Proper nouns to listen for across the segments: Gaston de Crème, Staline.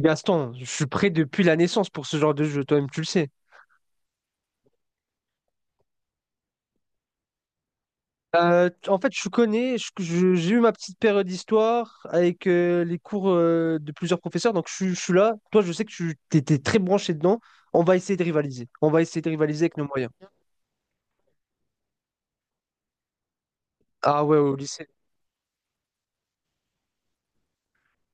Gaston, je suis prêt depuis la naissance pour ce genre de jeu, toi-même tu le sais. En fait, je connais, j'ai eu ma petite période d'histoire avec les cours de plusieurs professeurs, donc je suis là. Toi, je sais que tu étais très branché dedans. On va essayer de rivaliser. On va essayer de rivaliser avec nos moyens. Ah ouais, au lycée.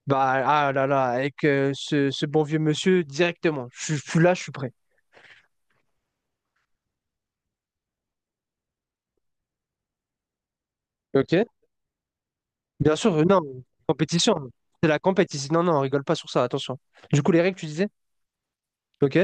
Bah, ah là là, avec ce bon vieux monsieur directement. Je suis là, je suis prêt. Ok. Bien sûr, non, compétition. C'est la compétition. Non, non, on rigole pas sur ça, attention. Du coup, les règles, tu disais? Ok?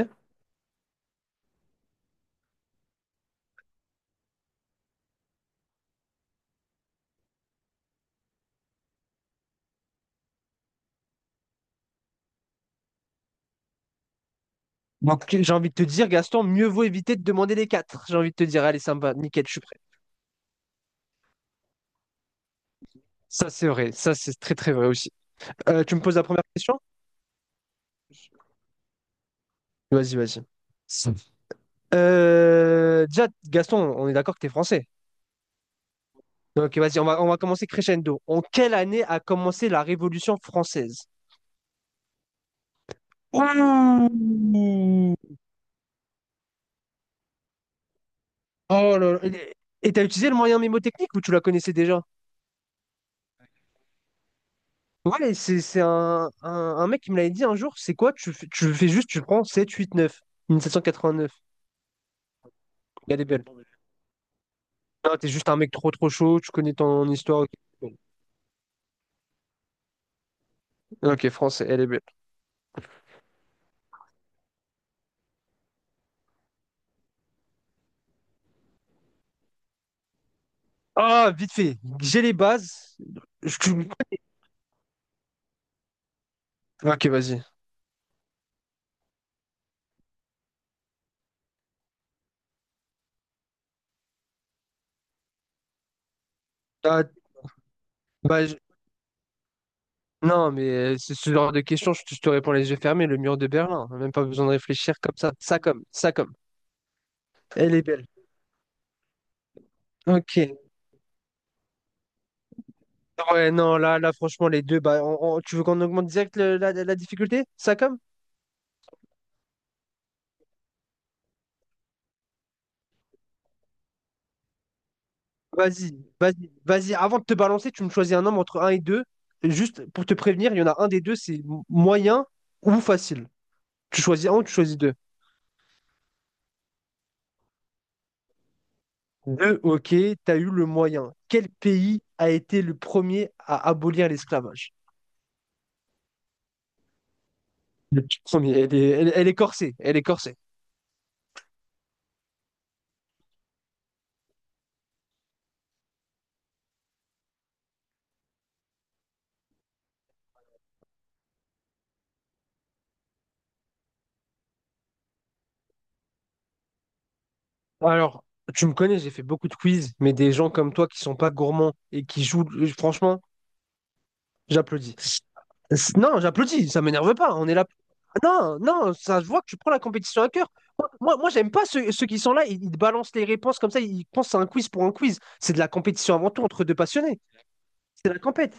Donc, j'ai envie de te dire, Gaston, mieux vaut éviter de demander les quatre. J'ai envie de te dire, allez, ça me va, nickel, je suis prêt. Ça, c'est vrai. Ça, c'est très, très vrai aussi. Tu me poses la première question? Vas-y, vas-y. Déjà, Gaston, on est d'accord que tu es français. Donc, vas-y, on va commencer crescendo. En quelle année a commencé la Révolution française? Oh là là. Et t'as utilisé le moyen mémotechnique ou tu la connaissais déjà? Ouais, c'est un, un mec qui me l'avait dit un jour. C'est quoi? Tu fais juste, tu prends 7, 8, 9. 1789. Regardez bien. Non, t'es juste un mec trop chaud, tu connais ton histoire. Ok, ok, France, elle est belle. Ah, vite fait, j'ai les bases. Je- tu- Ok, vas-y. Ah, bah, je- Non, mais c'est ce genre de question, je te réponds les yeux fermés, le mur de Berlin. Même pas besoin de réfléchir comme ça. Ça comme, ça comme. Elle est belle. Ok. Ouais, non, là, là, franchement, les deux, bah, tu veux qu'on augmente direct la, la difficulté? Ça comme? Vas-y, vas-y, vas-y. Avant de te balancer, tu me choisis un nombre entre un et 2. Juste pour te prévenir, il y en a un des deux, c'est moyen ou facile. Tu choisis un ou tu choisis deux. Deux, ok, t'as eu le moyen. Quel pays a été le premier à abolir l'esclavage? Le petit premier, elle est, elle, elle est corsée, elle est corsée. Alors, tu me connais, j'ai fait beaucoup de quiz, mais des gens comme toi qui sont pas gourmands et qui jouent, franchement, j'applaudis. C'est- Non, j'applaudis, ça m'énerve pas. On est là. Non, non, ça se voit que tu prends la compétition à cœur. Moi, moi, moi, j'aime pas ceux, ceux qui sont là, ils te balancent les réponses comme ça, ils pensent à un quiz pour un quiz. C'est de la compétition avant tout entre deux passionnés. C'est la compète.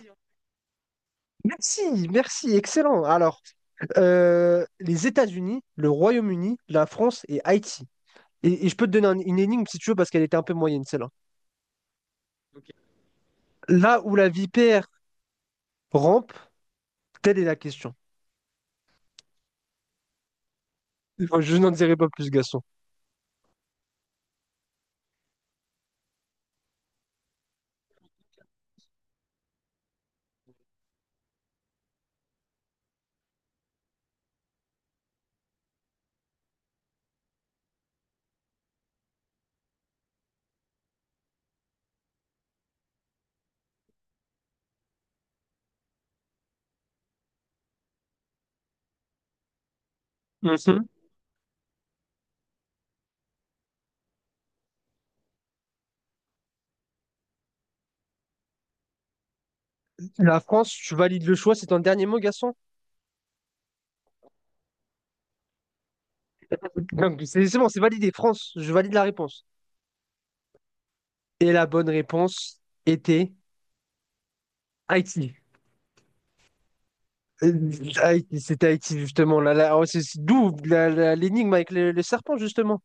Merci, merci, excellent. Alors, les États-Unis, le Royaume-Uni, la France et Haïti. Et je peux te donner une énigme si tu veux, parce qu'elle était un peu moyenne, celle-là. Là où la vipère rampe, telle est la question. Je n'en dirai pas plus, Gaston. Mhm. La France, tu valides le choix, c'est ton dernier mot, Gaston? Donc, c'est bon, c'est validé. France, je valide la réponse. Et la bonne réponse était Haïti. Euh, Haïti, c'était Haïti, justement. Là, là, oh, c'est d'où l'énigme avec le serpent, justement.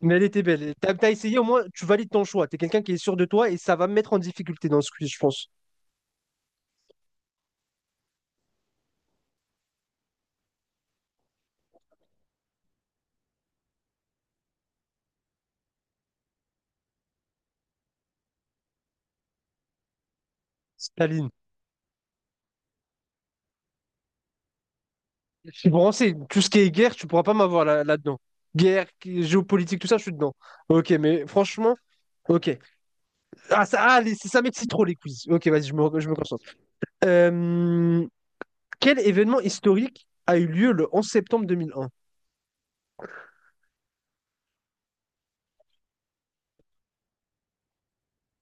Mais elle était belle. T'as, t'as essayé, au moins, tu valides ton choix. T'es quelqu'un qui est sûr de toi et ça va me mettre en difficulté dans ce quiz, je pense. Staline. Je suis branché. Tout ce qui est guerre, tu pourras pas m'avoir là, là-dedans. Guerre, géopolitique, tout ça, je suis dedans. Ok, mais franchement, ok. Ah, ça, ah, ça m'excite trop les quiz. Ok, vas-y, je me concentre. Euh, quel événement historique a eu lieu le 11 septembre 2001?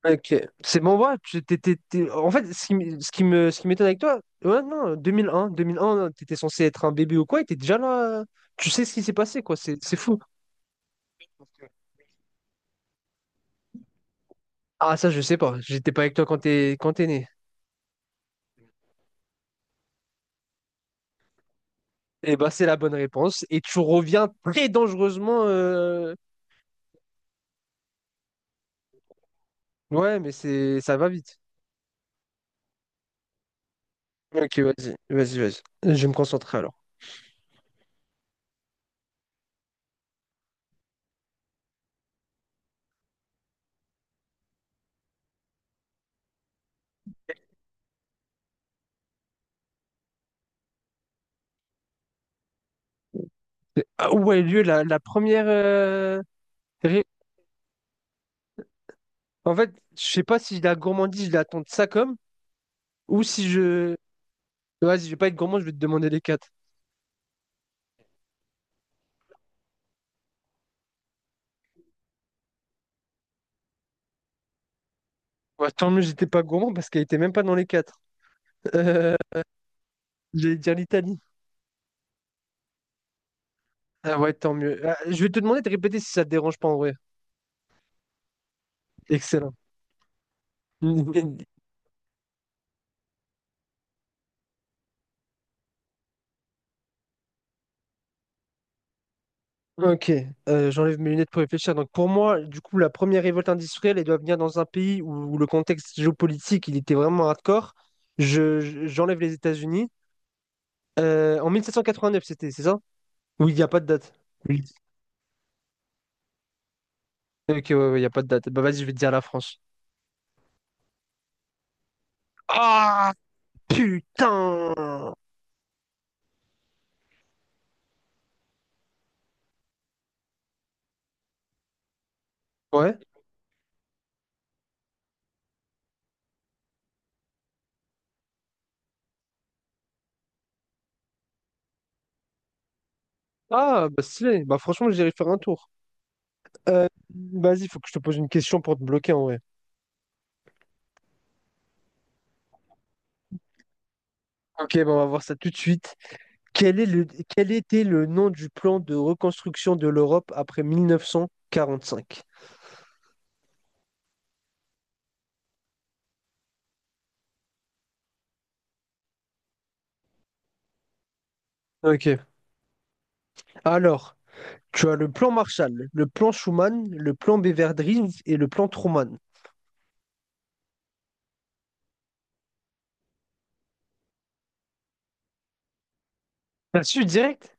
Ok, c'est bon, ouais, en fait, ce qui m'étonne avec toi, ouais, non, deux mille un, t'étais censé être un bébé ou quoi, et t'es déjà là, tu sais ce qui s'est passé, quoi, c'est fou. Ah, ça, je sais pas, j'étais pas avec toi quand t'es né. Eh bah, c'est la bonne réponse, et tu reviens très dangereusement, ouais, mais c'est ça va vite. Ok, vas-y, vas-y, vas-y, je vais me concentrer alors. Ah où a eu lieu la, la première. Ré- En fait, je sais pas si la gourmandise, je l'attends de ça comme, ou si je. Vas-y, je vais pas être gourmand, je vais te demander les quatre. Ouais, tant mieux, j'étais pas gourmand parce qu'elle était même pas dans les quatre. Euh, j'allais dire l'Italie. Ah ouais, tant mieux. Ah, je vais te demander de répéter si ça te dérange pas en vrai. Excellent. Ok, j'enlève mes lunettes pour réfléchir. Donc pour moi, du coup, la première révolte industrielle, elle doit venir dans un pays où, où le contexte géopolitique, il était vraiment hardcore. J'enlève les États-Unis. En 1789, c'était, c'est ça? Oui, il n'y a pas de date. Oui. Ok, ouais, ouais, il n'y a pas de date. Bah vas-y, je vais te dire la France. Ah, putain! Ouais. Ah, bah stylé. Bah franchement, j'irai faire un tour. Euh, vas-y, faut que je te pose une question pour te bloquer en vrai. Ok, bah on va voir ça tout de suite. Quel est le, quel était le nom du plan de reconstruction de l'Europe après 1945? Ok. Alors, tu as le plan Marshall, le plan Schuman, le plan Beveridge et le plan Truman. T'as su direct?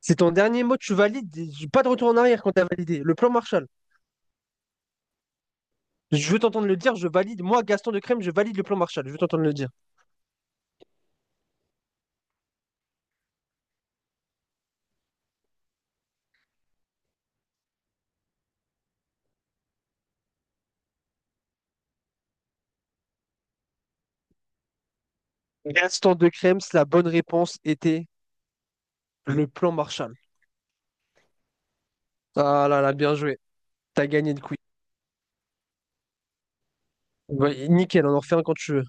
C'est ton dernier mot, tu valides. Et pas de retour en arrière quand t'as validé. Le plan Marshall. Je veux t'entendre le dire, je valide. Moi, Gaston de Crème, je valide le plan Marshall. Je veux t'entendre le dire. Gaston de Crème, la bonne réponse était le plan Marshall. Ah là là, bien joué. T'as gagné le quiz. Ouais, nickel, on en refait un quand tu veux.